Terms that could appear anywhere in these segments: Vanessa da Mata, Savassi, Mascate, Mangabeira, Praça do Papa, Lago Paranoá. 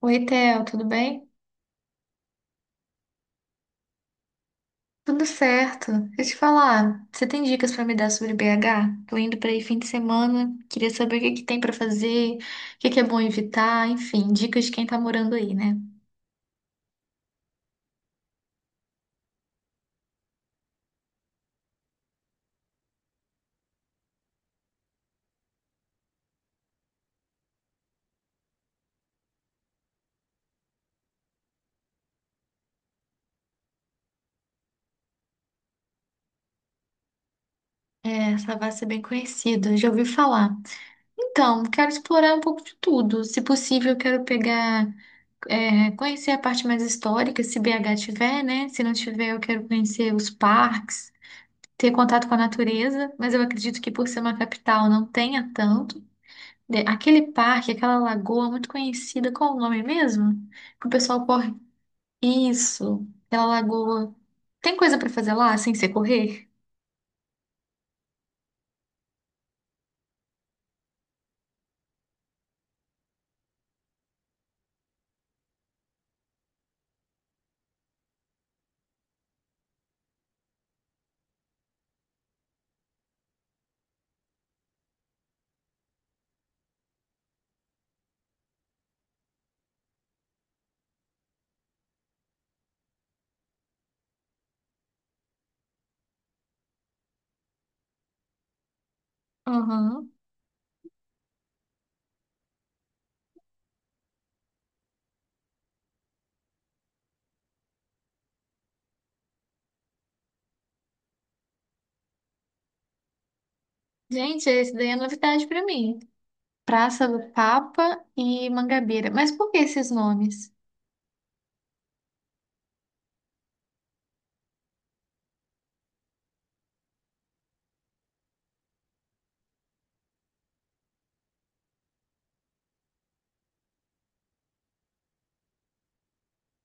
Oi, Theo, tudo bem? Tudo certo. Deixa eu te falar, você tem dicas pra me dar sobre BH? Tô indo pra aí fim de semana, queria saber o que tem pra fazer, o que é bom evitar, enfim, dicas de quem tá morando aí, né? É, Savassi é bem conhecido, já ouvi falar. Então, quero explorar um pouco de tudo. Se possível, eu quero pegar, conhecer a parte mais histórica, se BH tiver, né? Se não tiver, eu quero conhecer os parques, ter contato com a natureza, mas eu acredito que por ser uma capital não tenha tanto. Aquele parque, aquela lagoa muito conhecida, qual o nome mesmo? Que o pessoal corre. Isso, aquela lagoa. Tem coisa pra fazer lá sem ser correr? Aham. Gente, esse daí é novidade pra mim. Praça do Papa e Mangabeira. Mas por que esses nomes?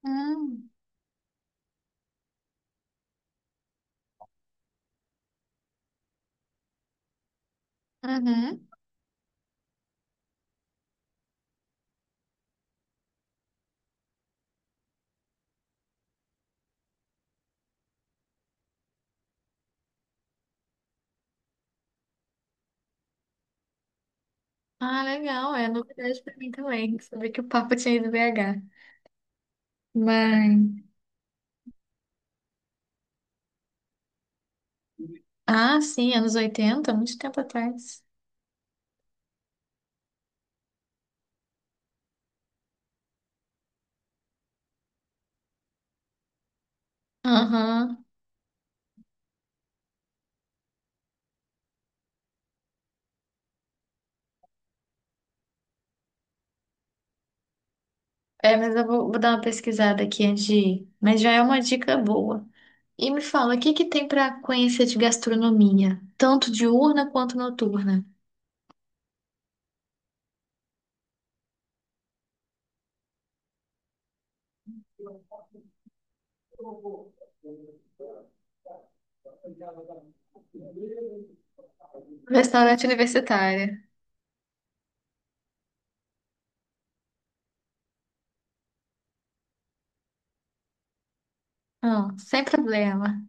Hum, uhum. Ah, legal, é novidade pra mim também. Saber que o Papa tinha ido BH. Mas. Ah, sim, anos 80, muito tempo atrás. Aham. É, mas eu vou dar uma pesquisada aqui antes de ir. Mas já é uma dica boa. E me fala, o que que tem para conhecer de gastronomia? Tanto diurna quanto noturna. Restaurante universitário. Sem problema.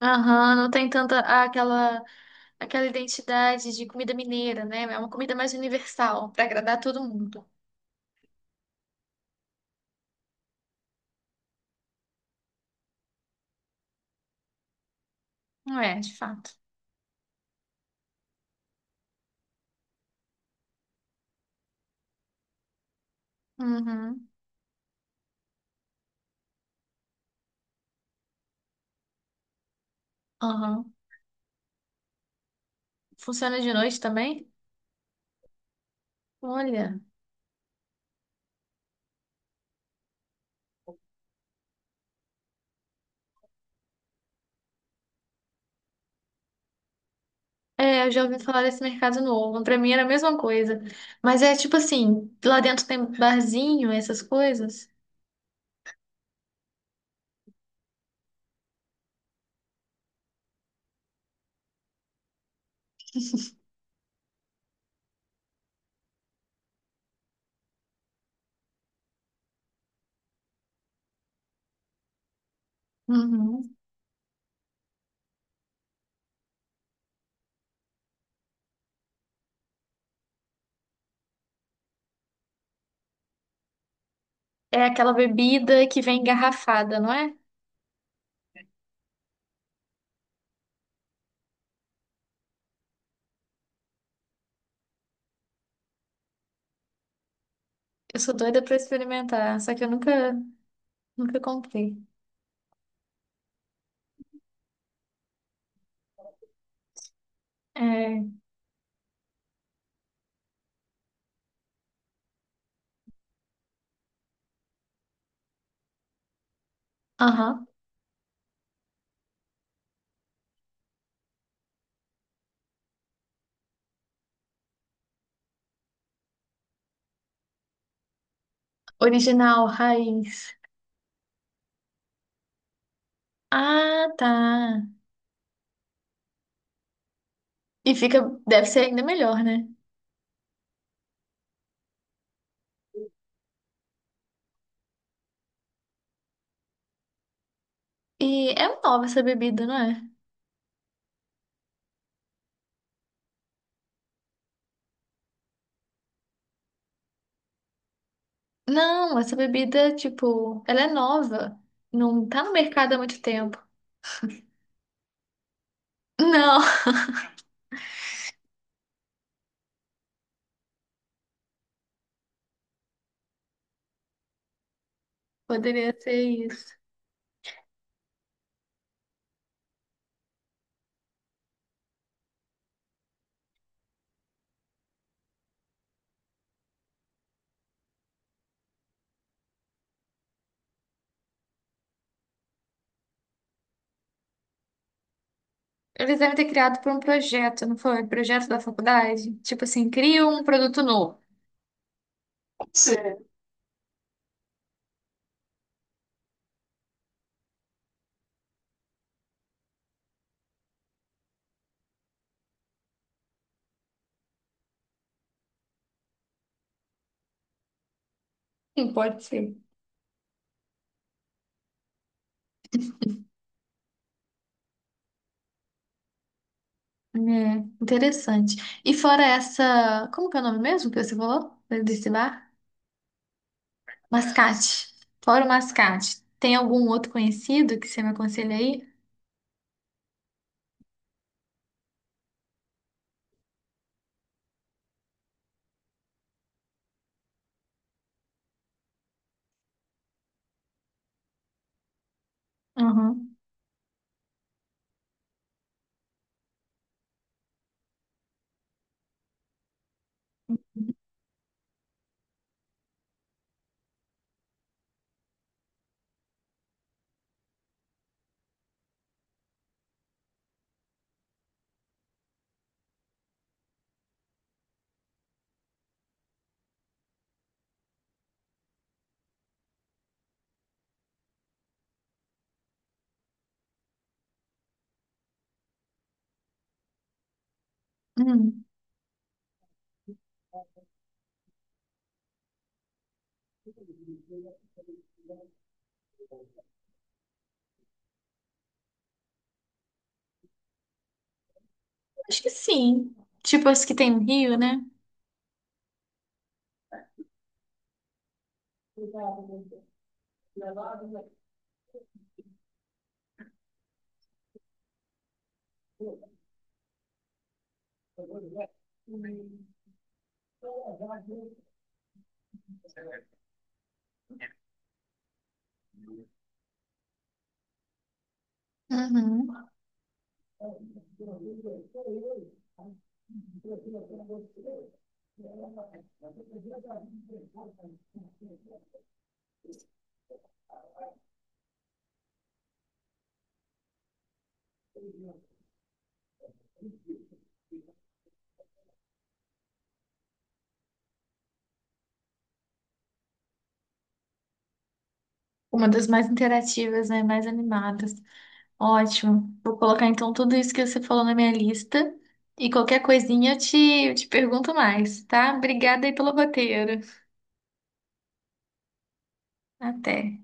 Aham, não tem tanta aquela, aquela identidade de comida mineira, né? É uma comida mais universal, para agradar todo mundo. Não é, de fato. Uhum, aham. Funciona de noite também? Olha. É, eu já ouvi falar desse mercado novo. Pra mim era a mesma coisa. Mas é tipo assim, lá dentro tem barzinho, essas coisas. Uhum. É aquela bebida que vem engarrafada, não é? Eu sou doida pra experimentar, só que eu nunca, nunca comprei. É, aham. Original, raiz. Ah, tá. E fica, deve ser ainda melhor, né? E é nova essa bebida, não é? Não, essa bebida, tipo, ela é nova. Não tá no mercado há muito tempo. Não. Poderia ser isso. Eles devem ter criado por um projeto, não foi? Projeto da faculdade? Tipo assim, cria um produto novo. Sim. Sim, pode ser. É, interessante. E fora essa. Como que é o nome mesmo que você falou? Desse bar? Mascate. Fora o mascate. Tem algum outro conhecido que você me aconselha aí? Uhum. Hum, acho que sim. Tipo as que tem no Rio, né? Uhum. Uma das mais interativas, né? Mais animadas. Ótimo. Vou colocar então tudo isso que você falou na minha lista. E qualquer coisinha eu te pergunto mais, tá? Obrigada aí pelo roteiro. Até.